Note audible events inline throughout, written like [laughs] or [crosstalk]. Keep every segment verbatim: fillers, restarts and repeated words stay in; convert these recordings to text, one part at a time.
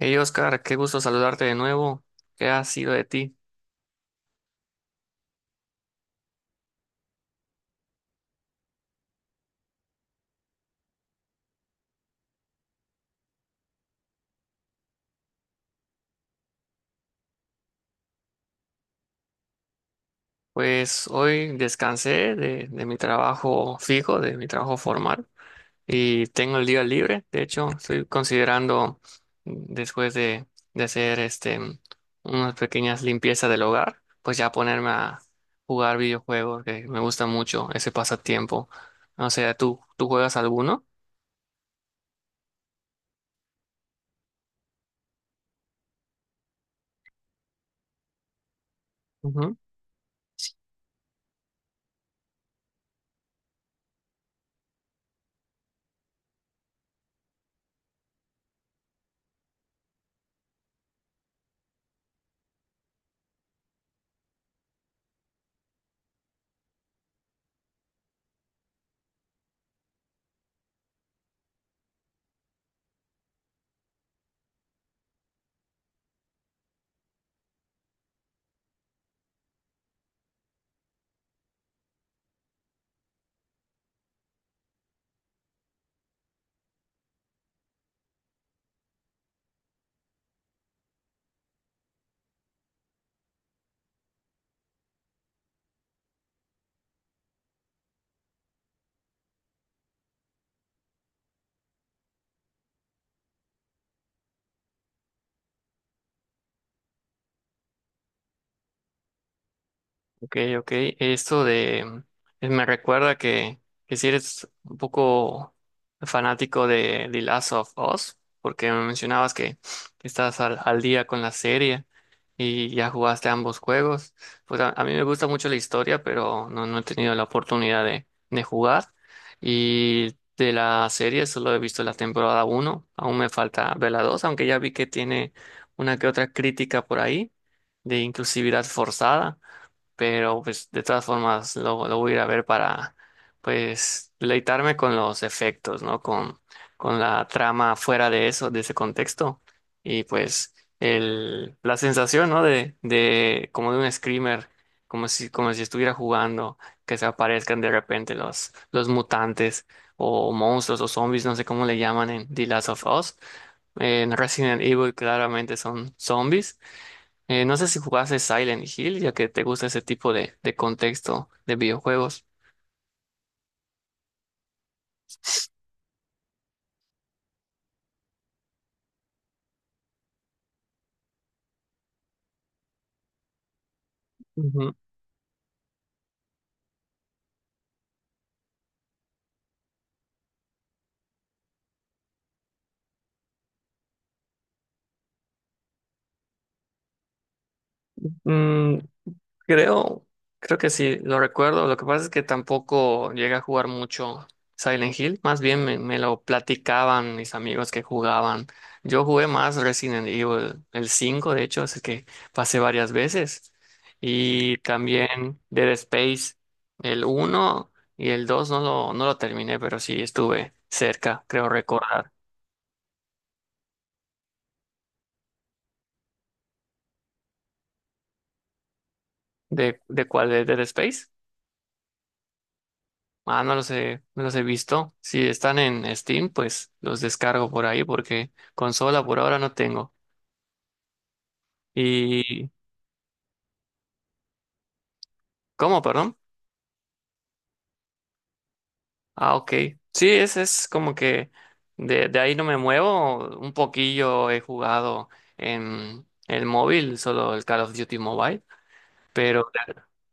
Hey Oscar, qué gusto saludarte de nuevo. ¿Qué ha sido de ti? Pues hoy descansé de, de mi trabajo fijo, de mi trabajo formal, y tengo el día libre. De hecho, estoy considerando, mm, después de, de hacer este, mm, unas pequeñas limpiezas del hogar, pues ya ponerme a jugar videojuegos, que me gusta mucho ese pasatiempo. O sea, ¿tú, tú juegas alguno? Ok, ok. Esto de eh, me recuerda que, que si eres un poco fanático de The Last of Us, porque me mencionabas que, que estás al, al día con la serie y ya jugaste ambos juegos. Pues a, a mí me gusta mucho la historia, pero no, no he tenido la oportunidad de, de jugar. Y de la serie solo he visto la temporada uno. Aún me falta ver la dos, aunque ya vi que tiene una que otra crítica por ahí de inclusividad forzada, pero pues de todas formas lo, lo voy a ir a ver para pues deleitarme con los efectos, ¿no? Con, con la trama fuera de eso, de ese contexto y pues el, la sensación, ¿no? De, de como de un screamer, como si, como si estuviera jugando, que se aparezcan de repente los, los mutantes o monstruos o zombies, no sé cómo le llaman en The Last of Us. En Resident Evil claramente son zombies. eh, no sé si jugaste Silent Hill, ya que te gusta ese tipo de, de contexto de videojuegos. Ujú. Mm, creo, creo que sí, lo recuerdo. Lo que pasa es que tampoco llegué a jugar mucho Silent Hill. Más bien me, me lo platicaban mis amigos que jugaban. Yo jugué más Resident Evil, el cinco de hecho, así que pasé varias veces. Y también Dead Space, el uno y el dos no lo, no lo terminé, pero sí estuve cerca, creo recordar. ¿De, de cuál? ¿De Dead Space? Ah, no los he, no los he visto. Si están en Steam, pues los descargo por ahí porque consola por ahora no tengo. ¿Y cómo, perdón? Ah, ok. Sí, es, es como que de, de ahí no me muevo. Un poquillo he jugado en el móvil, solo el Call of Duty Mobile. Pero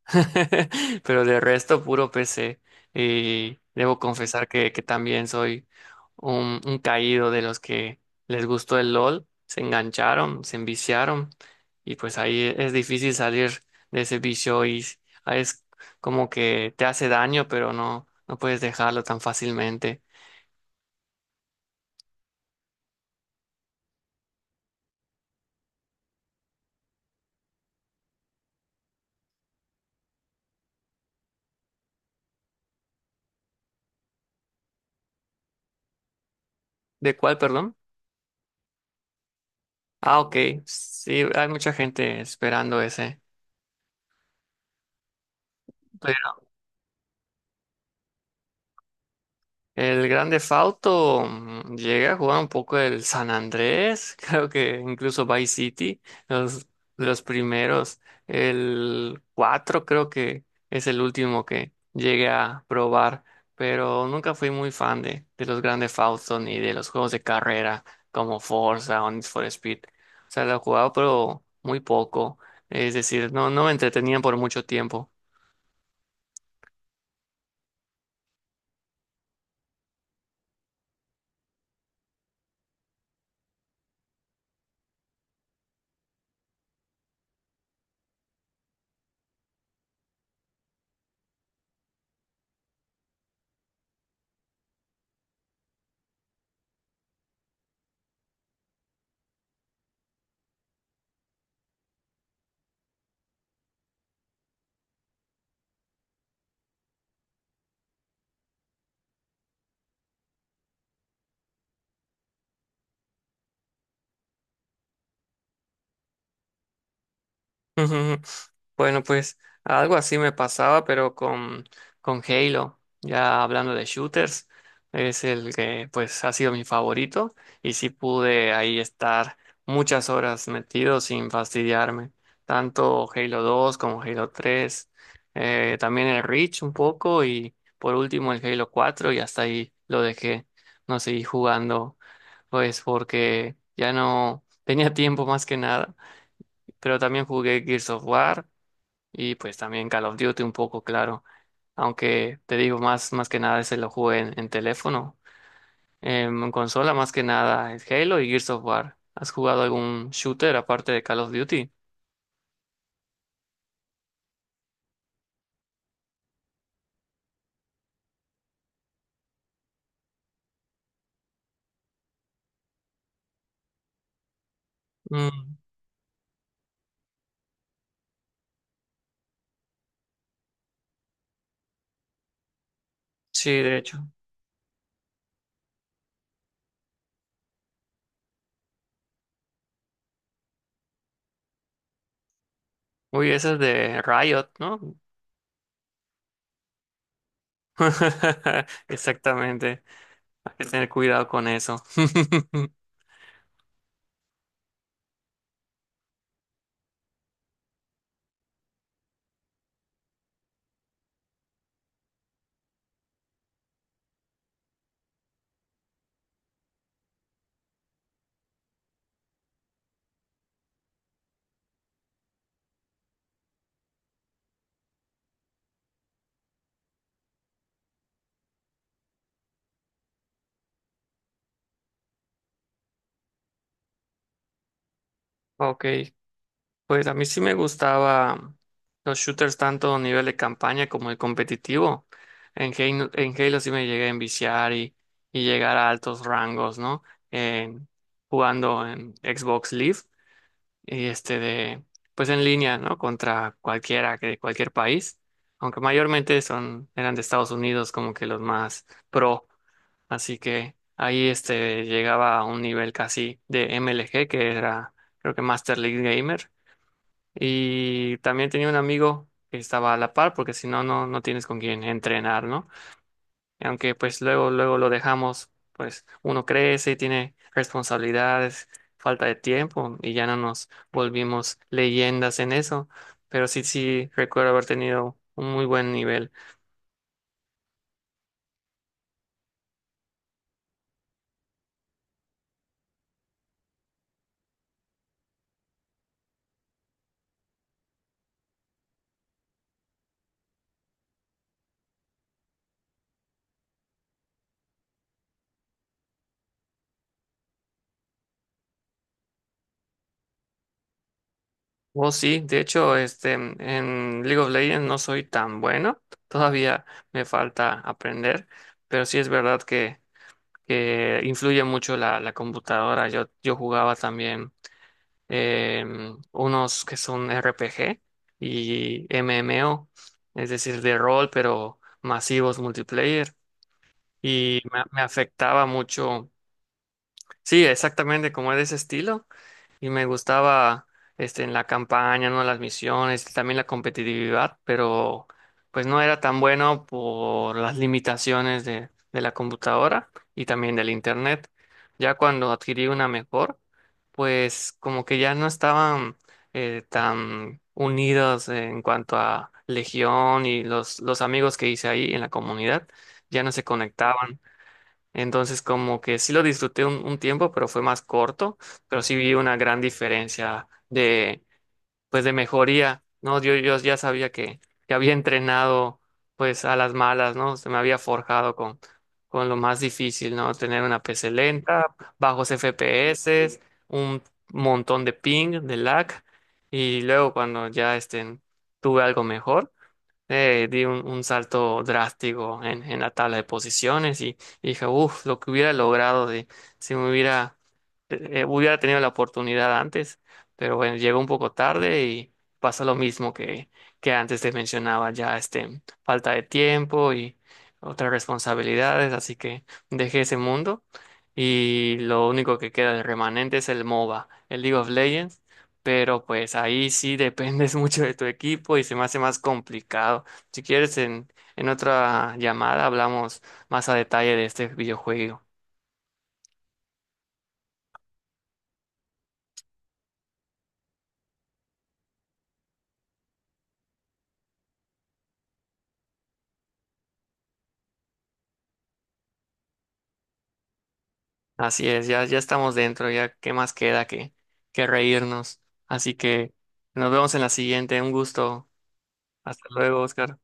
[laughs] pero de resto puro P C, y debo confesar que, que también soy un, un caído de los que les gustó el LOL, se engancharon, se enviciaron y pues ahí e, es difícil salir de ese vicio y s- ah, es como que te hace daño, pero no, no puedes dejarlo tan fácilmente. ¿De cuál, perdón? Ah, ok, sí, hay mucha gente esperando ese. Pues el Grande Fauto, llegué a jugar un poco el San Andrés, [laughs] creo que incluso Vice City, los, los primeros. El cuatro creo que es el último que llegué a probar, pero nunca fui muy fan de, de los Grande Fauto ni de los juegos de carrera como Forza o Need for Speed. O sea, lo he jugado pero muy poco, es decir, no, no me entretenían por mucho tiempo. Ujú. Bueno, pues algo así me pasaba, pero con, con Halo, ya hablando de shooters, es el que pues ha sido mi favorito y sí pude ahí estar muchas horas metido sin fastidiarme, tanto Halo dos como Halo tres, eh, también el Reach un poco y por último el Halo cuatro, y hasta ahí lo dejé, no seguí jugando pues porque ya no tenía tiempo más que nada, pero también jugué Gears of War y pues también Call of Duty un poco, claro. Aunque te digo, más, más que nada ese lo jugué en, en teléfono. Em, En consola, más que nada es Halo y Gears of War. ¿Has jugado algún shooter aparte de Call of Duty? Mm, sí, de hecho. Uy, ese es de Riot, ¿no? [laughs] Exactamente. Hay que tener cuidado con eso. [laughs] Ok, pues a mí sí me gustaba los shooters tanto a nivel de campaña como de competitivo. En Halo, en Halo sí me llegué a enviciar y, y llegar a altos rangos, ¿no? En- jugando en Xbox Live y este de, pues en línea, ¿no? Contra cualquiera que de cualquier país, aunque mayormente son, eran de Estados Unidos como que los más pro. Así que ahí este llegaba a un nivel casi de M L G, que era creo que Master League Gamer, y también tenía un amigo que estaba a la par, porque si no, no, no tienes con quién entrenar, ¿no? Y aunque pues luego, luego lo dejamos, pues uno crece y tiene responsabilidades, falta de tiempo, y ya no nos volvimos leyendas en eso. Pero sí, sí, recuerdo haber tenido un muy buen nivel. Oh, sí, de hecho, este, en League of Legends no soy tan bueno, todavía me falta aprender, pero sí es verdad que que influye mucho la, la computadora. Yo, yo jugaba también em, unos que son R P G y M M O, es decir, de rol, pero masivos multiplayer. Y me, me afectaba mucho, sí, exactamente como es de ese estilo y me gustaba este en la campaña, ¿no? Las misiones, también la competitividad, pero pues no era tan bueno por las limitaciones de, de la computadora y también del internet. Ya cuando adquirí una mejor, pues como que ya no estaban eh, tan unidos en cuanto a Legión y los, los amigos que hice ahí en la comunidad, ya no se conectaban, entonces, como que sí lo disfruté un, un tiempo, pero fue más corto, pero sí vi una gran diferencia de, pues, de mejoría, ¿no? Yo, yo ya sabía que, que había entrenado, pues, a las malas, ¿no? Se me había forjado con, con lo más difícil, ¿no? Tener una P C lenta, bajos F P S, un montón de ping, de lag, y luego cuando ya, este, tuve algo mejor, eh, di un, un salto drástico en, en la tabla de posiciones y, y dije, uff, lo que hubiera logrado de, si me hubiera, eh, eh, hubiera tenido la oportunidad antes, pero bueno, llegó un poco tarde y pasa lo mismo que, que antes te mencionaba, ya este, falta de tiempo y otras responsabilidades, así que dejé ese mundo y lo único que queda de remanente es el MOBA, el League of Legends, pero pues ahí sí dependes [laughs] mucho de tu equipo y se me hace más complicado. Si quieres, en, en otra llamada hablamos más a detalle de este videojuego. Así es, ya, ya estamos dentro, ya qué más queda que, que reírnos. Así que nos vemos en la siguiente. Un gusto. Hasta luego, Oscar.